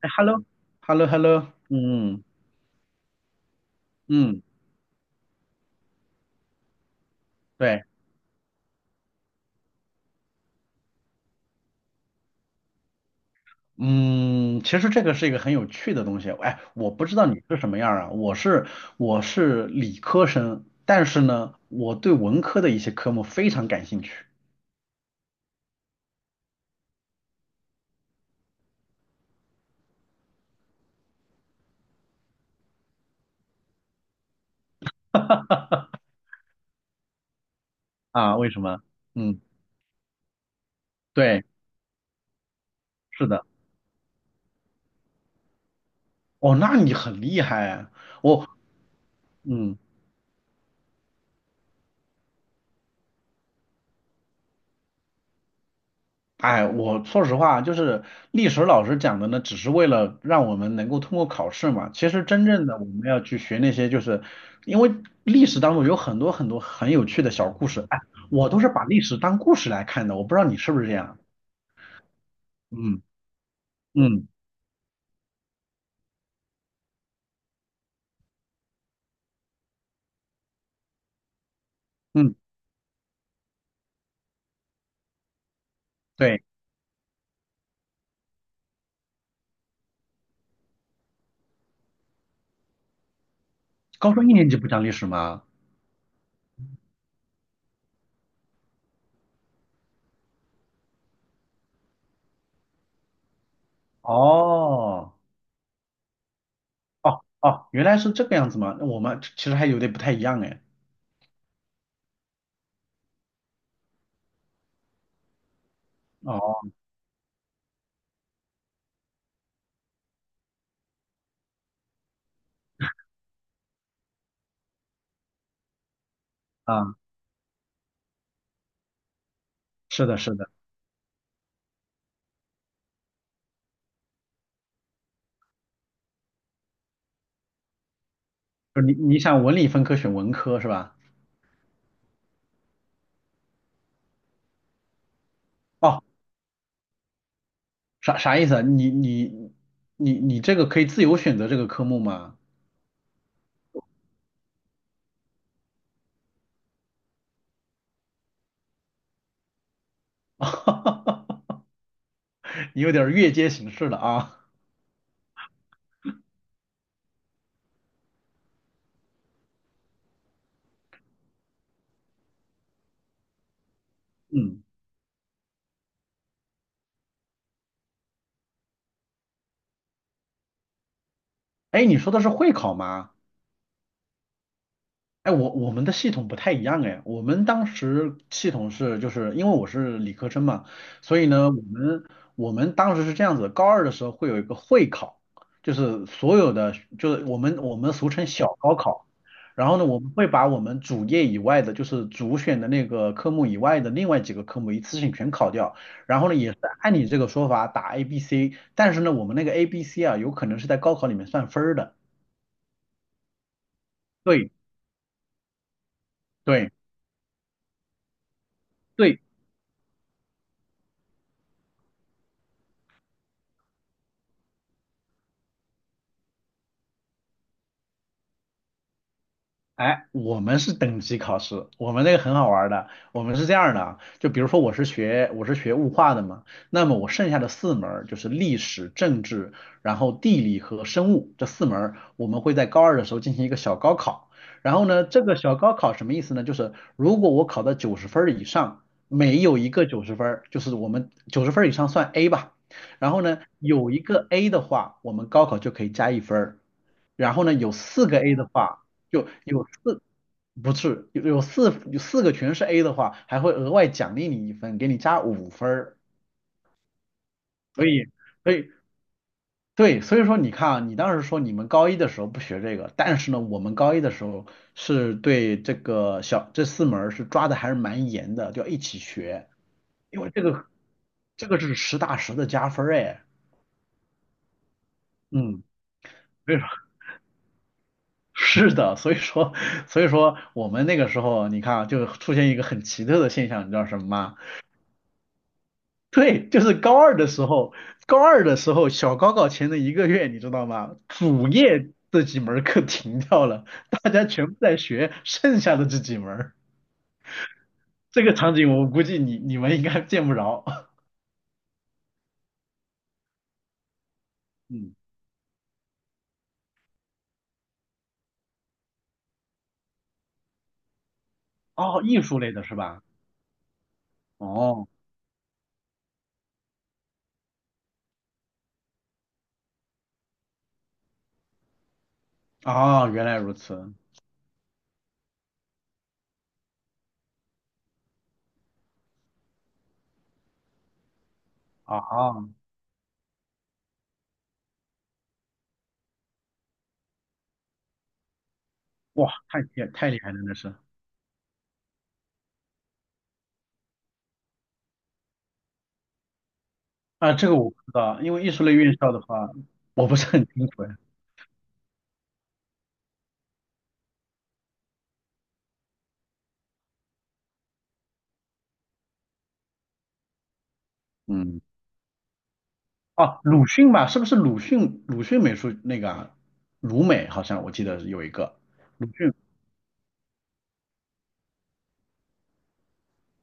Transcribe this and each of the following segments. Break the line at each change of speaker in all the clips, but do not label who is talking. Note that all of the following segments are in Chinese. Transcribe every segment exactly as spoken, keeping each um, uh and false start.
哎，hello，hello，hello，嗯嗯，对，嗯，其实这个是一个很有趣的东西。哎，我不知道你是什么样儿啊，我是我是理科生，但是呢，我对文科的一些科目非常感兴趣 啊。为什么？嗯，对，是的。哦，那你很厉害啊。我，嗯。哎，我说实话，就是历史老师讲的呢，只是为了让我们能够通过考试嘛。其实真正的我们要去学那些，就是因为历史当中有很多很多很有趣的小故事。哎，我都是把历史当故事来看的，我不知道你是不是这样。嗯，嗯嗯，对，高中一年级不讲历史吗？哦哦哦，原来是这个样子吗？那我们其实还有点不太一样哎。哦啊，是的，是的，就是你你想文理分科选文科是吧？哦，啥啥意思啊？你你你你这个可以自由选择这个科目吗？你有点儿越阶形式了啊。嗯，哎，你说的是会考吗？哎，我我们的系统不太一样哎，我们当时系统是就是因为我是理科生嘛，所以呢，我们我们当时是这样子，高二的时候会有一个会考，就是所有的就是我们我们俗称小高考，然后呢，我们会把我们主业以外的，就是主选的那个科目以外的另外几个科目一次性全考掉，然后呢，也是按你这个说法打 A、B、C，但是呢，我们那个 A、B、C 啊，有可能是在高考里面算分儿的，对对。对哎，我们是等级考试，我们那个很好玩儿的。我们是这样儿的啊，就比如说我是学我是学物化的嘛，那么我剩下的四门儿就是历史、政治，然后地理和生物这四门儿我们会在高二的时候进行一个小高考。然后呢，这个小高考什么意思呢？就是如果我考到九十分儿以上，每有一个九十分儿，就是我们九十分儿以上算 A 吧。然后呢，有一个 A 的话，我们高考就可以加一分儿。然后呢，有四个 A 的话。就有四，不是有有四有四个全是 A 的话，还会额外奖励你一分，给你加五分儿。所以，所以对，所以说你看啊，你当时说你们高一的时候不学这个，但是呢，我们高一的时候是对这个小这四门儿是抓的还是蛮严的，就要一起学，因为这个这个是实打实的加分儿哎。嗯，所以说是的，所以说所以说我们那个时候，你看啊，就出现一个很奇特的现象，你知道什么吗？对，就是高二的时候，高二的时候，小高考前的一个月，你知道吗？主业这几门儿课停掉了，大家全部在学剩下的这几门儿。这个场景我估计你你们应该见不着。嗯，哦，艺术类的是吧？哦，啊，原来如此。啊，啊哇，太厉太厉害了，那是。啊，这个我不知道，因为艺术类院校的话，我不是很清楚呀。嗯。哦，鲁迅吧，是不是鲁迅？鲁迅美术那个啊鲁美好像我记得有一个鲁迅，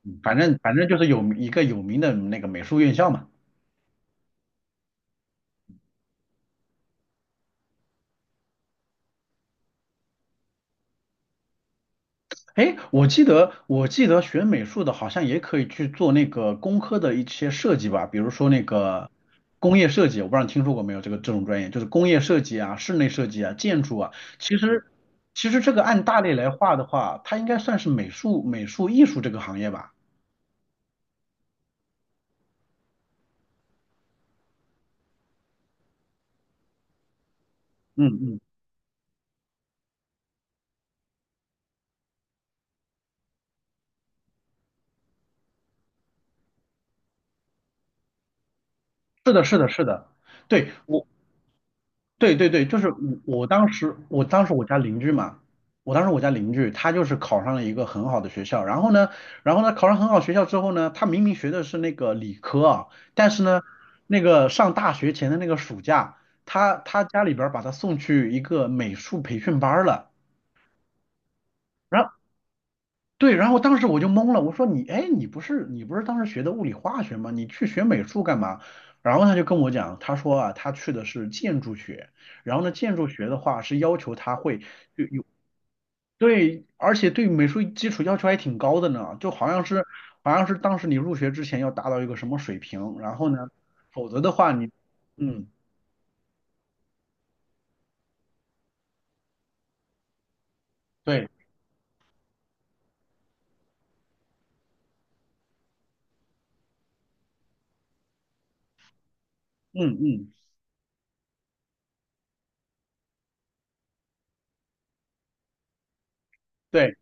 嗯反正反正就是有一个有名的那个美术院校嘛。哎，我记得我记得学美术的好像也可以去做那个工科的一些设计吧，比如说那个工业设计，我不知道你听说过没有这个这种专业，就是工业设计啊、室内设计啊、建筑啊。其实其实这个按大类来划的话，它应该算是美术美术艺术这个行业吧。嗯嗯，是的，是的，是的。对，我。对对对，就是我我当时我当时我家邻居嘛，我当时我家邻居他就是考上了一个很好的学校，然后呢，然后呢考上很好学校之后呢，他明明学的是那个理科啊，但是呢，那个上大学前的那个暑假，他他家里边儿把他送去一个美术培训班儿了。然后对，然后当时我就懵了，我说你，哎，你不是你不是当时学的物理化学吗？你去学美术干嘛？然后他就跟我讲，他说啊，他去的是建筑学，然后呢，建筑学的话是要求他会对，而且对美术基础要求还挺高的呢，就好像是好像是当时你入学之前要达到一个什么水平，然后呢，否则的话你，嗯，对，嗯嗯。对。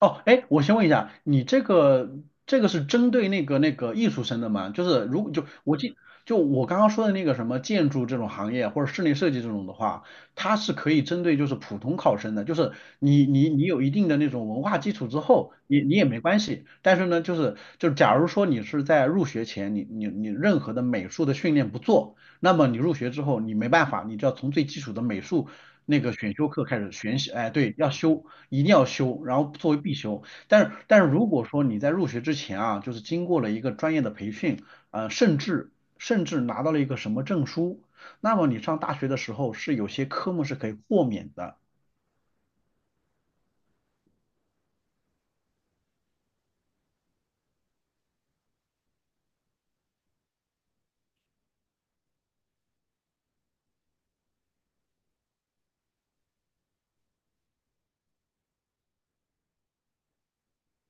哦，哎，我先问一下，你这个这个是针对那个那个艺术生的吗？就是如果就我记就我刚刚说的那个什么建筑这种行业或者室内设计这种的话，它是可以针对就是普通考生的，就是你你你有一定的那种文化基础之后，你你也没关系。但是呢，就是就假如说你是在入学前你你你任何的美术的训练不做，那么你入学之后你没办法，你就要从最基础的美术那个选修课开始选习，哎，对，要修，一定要修，然后作为必修。但是，但是如果说你在入学之前啊，就是经过了一个专业的培训，呃，甚至甚至拿到了一个什么证书，那么你上大学的时候是有些科目是可以豁免的，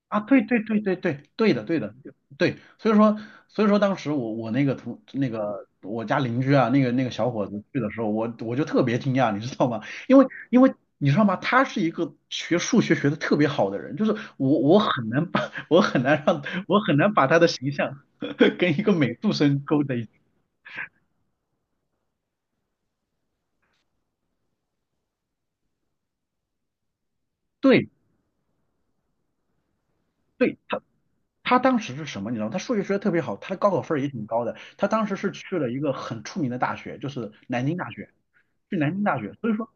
啊，对对对对对，对的对的对，所以说所以说当时我我那个同那个我家邻居啊，那个那个小伙子去的时候，我我就特别惊讶，你知道吗？因为因为你知道吗？他是一个学数学学的特别好的人，就是我我很难把 我很难让我很难把他的形象 跟一个美术生勾在一起。对对，他他当时是什么？你知道吗他数学学的特别好，他的高考分儿也挺高的。他当时是去了一个很出名的大学，就是南京大学，去南京大学。所以说。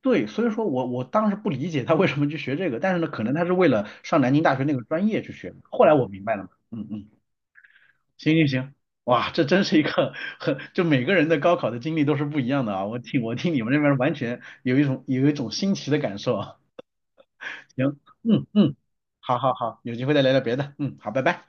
对，所以说我我当时不理解他为什么去学这个，但是呢，可能他是为了上南京大学那个专业去学的后来我明白了嘛，嗯嗯，行行行，哇，这真是一个很，就每个人的高考的经历都是不一样的啊。我听我听你们那边完全有一种有一种新奇的感受啊。行，嗯嗯，好好好，有机会再聊聊别的，嗯，好，拜拜。